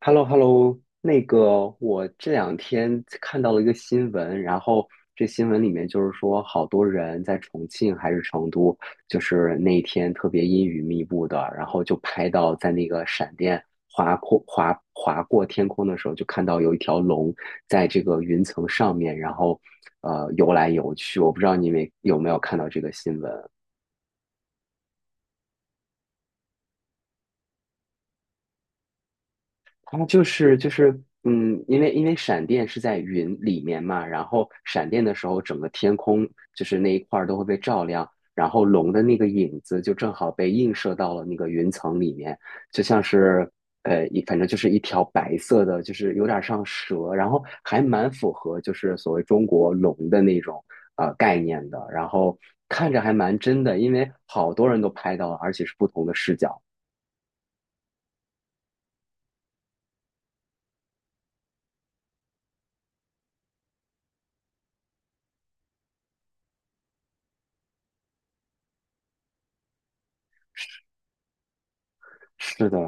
Hello, hello 那个我这两天看到了一个新闻，然后这新闻里面就是说，好多人在重庆还是成都，就是那一天特别阴雨密布的，然后就拍到在那个闪电划过天空的时候，就看到有一条龙在这个云层上面，然后游来游去。我不知道你们有没有看到这个新闻啊。它就是，因为闪电是在云里面嘛，然后闪电的时候，整个天空就是那一块儿都会被照亮，然后龙的那个影子就正好被映射到了那个云层里面，就像是反正就是一条白色的，就是有点像蛇，然后还蛮符合就是所谓中国龙的那种概念的，然后看着还蛮真的，因为好多人都拍到了，而且是不同的视角。是的，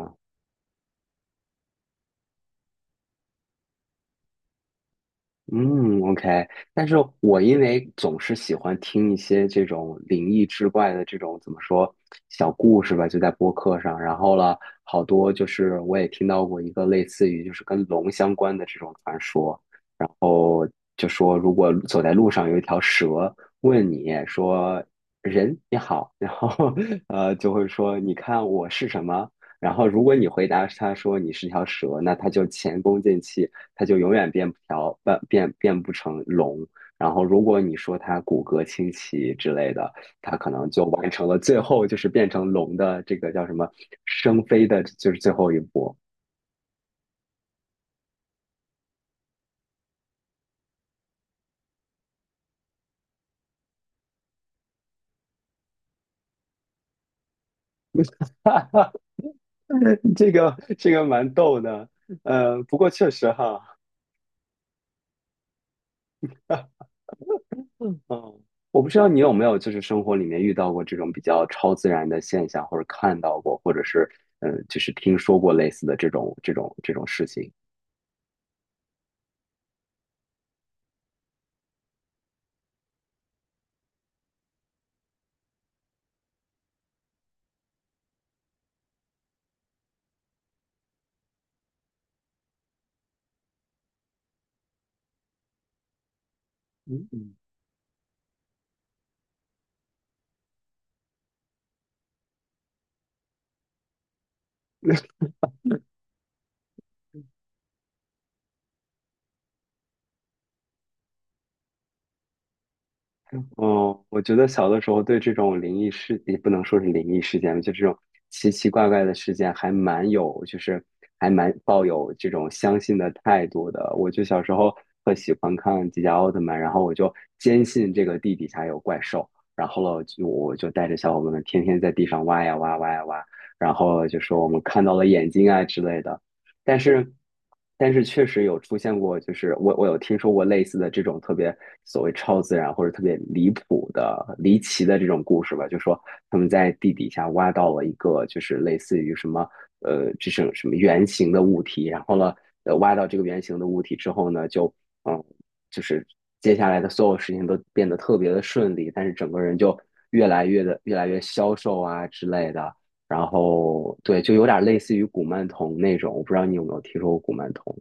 嗯，OK，但是我因为总是喜欢听一些这种灵异之怪的这种怎么说小故事吧，就在播客上，然后了好多就是我也听到过一个类似于就是跟龙相关的这种传说，就说如果走在路上有一条蛇问你说人你好，然后就会说你看我是什么，然后如果你回答他说你是条蛇，那他就前功尽弃，他就永远变不条变变变不成龙。然后如果你说他骨骼清奇之类的，他可能就完成了最后就是变成龙的这个叫什么生飞的，就是最后一步。这个蛮逗的，不过确实哈。嗯，哦，我不知道你有没有就是生活里面遇到过这种比较超自然的现象，或者看到过，或者是就是听说过类似的这种事情。嗯嗯，嗯，我觉得小的时候对这种灵异事，也不能说是灵异事件吧，就这种奇奇怪怪的事件，还蛮有，就是还蛮抱有这种相信的态度的。我就小时候特喜欢看迪迦奥特曼，然后我就坚信这个地底下有怪兽，然后了，就我就带着小伙伴们天天在地上挖呀挖挖呀挖，然后就说我们看到了眼睛啊之类的。但是，但是确实有出现过，就是我有听说过类似的这种特别所谓超自然或者特别离谱的、离奇的这种故事吧，就说他们在地底下挖到了一个就是类似于什么这种什么圆形的物体，然后呢，挖到这个圆形的物体之后呢，就嗯就是接下来的所有事情都变得特别的顺利，但是整个人就越来越消瘦啊之类的。然后对，就有点类似于古曼童那种，我不知道你有没有听说过古曼童。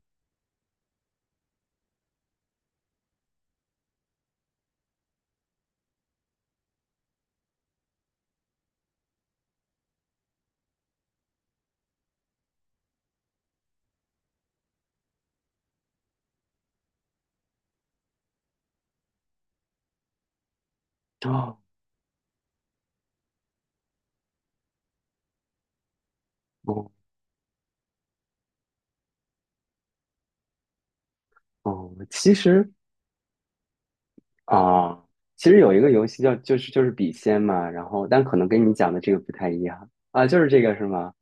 哦，哦，哦，啊，其实有一个游戏叫就是笔仙嘛，然后但可能跟你讲的这个不太一样啊，就是这个是吗？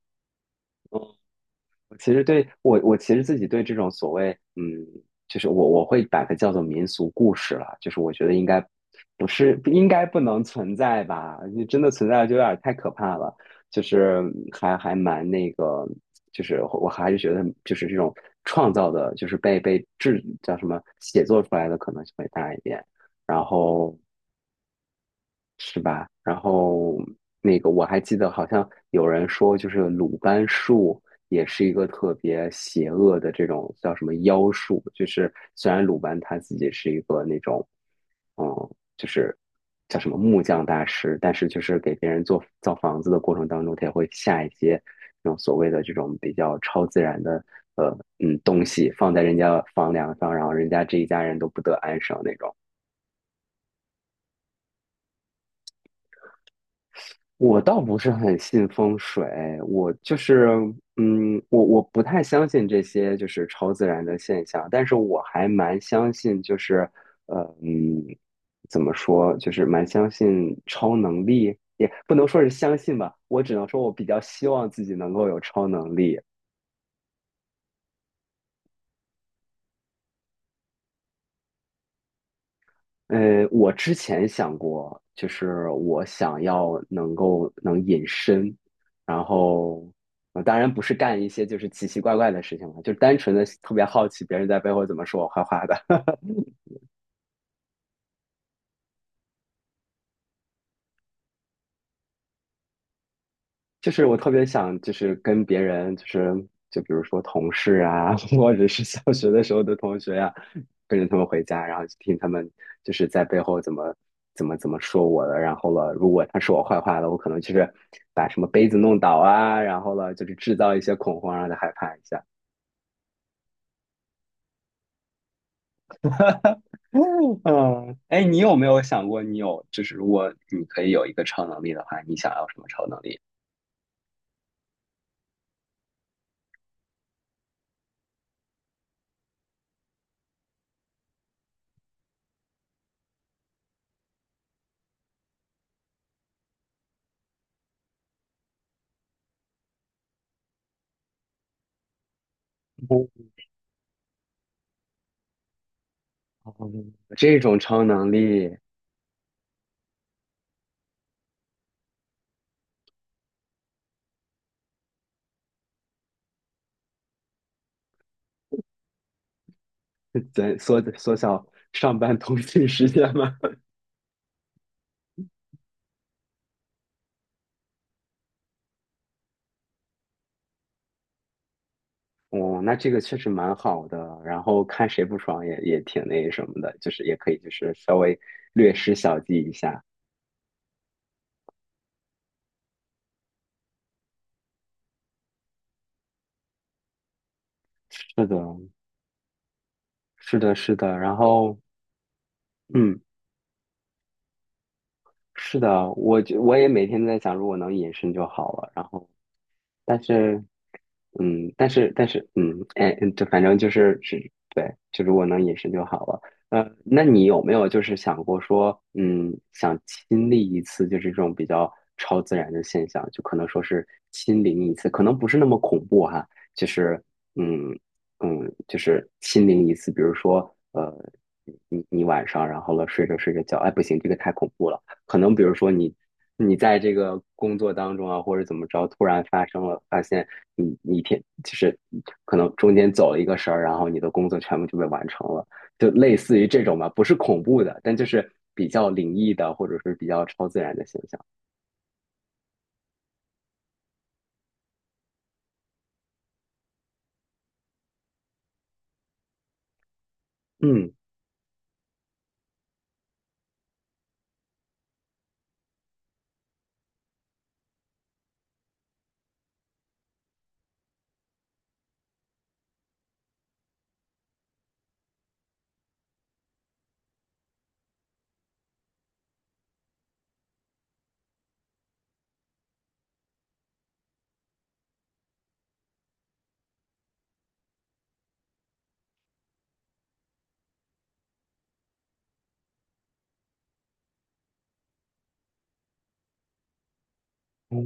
嗯其实对我，我其实自己对这种所谓，嗯，就是我会把它叫做民俗故事了，就是我觉得应该不能存在吧，你真的存在了就有点太可怕了，就是还蛮那个，就是我还是觉得就是这种创造的，就是被制叫什么写作出来的可能性会大一点，然后。是吧？然后那个我还记得，好像有人说，就是鲁班术也是一个特别邪恶的这种叫什么妖术，就是虽然鲁班他自己是一个那种，嗯，就是叫什么木匠大师，但是就是给别人造房子的过程当中，他也会下一些那种所谓的这种比较超自然的东西放在人家房梁上，然后人家这一家人都不得安生那种。我倒不是很信风水，我就是，我不太相信这些就是超自然的现象，但是我还蛮相信，就是，呃，嗯，怎么说，就是蛮相信超能力，也不能说是相信吧，我只能说我比较希望自己能够有超能力。我之前想过，就是我想要能够能隐身，然后，当然不是干一些就是奇奇怪怪的事情了，就单纯的特别好奇别人在背后怎么说我坏话的。就是我特别想，就是跟别人，就比如说同事啊，或者是小学的时候的同学呀、跟着他们回家，然后就听他们就是在背后怎么说我的，然后了，如果他说我坏话了，我可能就是把什么杯子弄倒啊，然后了，就是制造一些恐慌，让他害怕一下。嗯，哎，你有没有想过，你有就是如果你可以有一个超能力的话，你想要什么超能力？哦，这种超能力。对，缩小上班通勤时间嘛。哦，那这个确实蛮好的。然后看谁不爽也挺那什么的，就是也可以就是稍微略施小计一下。是的，是的，是的。然后，嗯，是的，我也每天在想，如果能隐身就好了。然后，但是但是这反正就是，对，就如果能隐身就好了。那你有没有就是想过说，想亲历一次就是这种比较超自然的现象，就可能说是亲临一次，可能不是那么恐怖哈，就是嗯就是亲临一次，比如说呃，你晚上然后了睡着睡着觉，哎不行，这个太恐怖了，可能比如说你。你在这个工作当中啊，或者怎么着，突然发生了，发现你一天就是可能中间走了一个神儿，然后你的工作全部就被完成了，就类似于这种吧，不是恐怖的，但就是比较灵异的或者是比较超自然的现象。嗯，哦，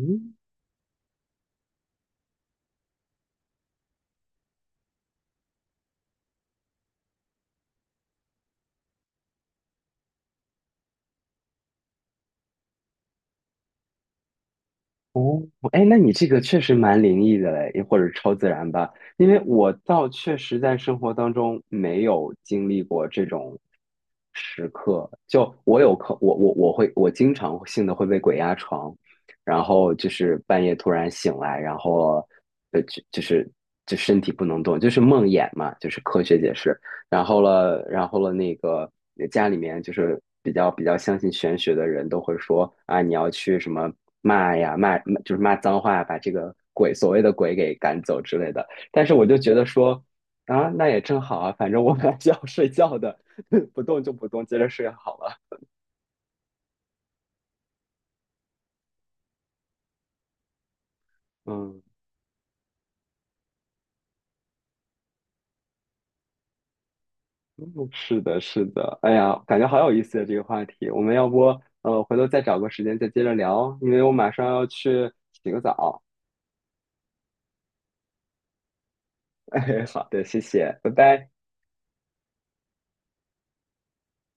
哦，哎，那你这个确实蛮灵异的嘞，或者超自然吧？因为我倒确实在生活当中没有经历过这种时刻。就我有可，我我我会，我经常性的会被鬼压床，然后就是半夜突然醒来，然后呃，就就是就身体不能动，就是梦魇嘛，就是科学解释。然后了，那个家里面就是比较相信玄学的人都会说啊，你要去什么骂就是骂脏话，把这个鬼所谓的鬼给赶走之类的。但是我就觉得说啊，那也正好啊，反正我本来就要睡觉的，不动就不动，接着睡好了。嗯，嗯是的，是的。哎呀，感觉好有意思的这个话题，我们要不回头再找个时间再接着聊，因为我马上要去洗个澡。哎，好的，谢谢，拜拜。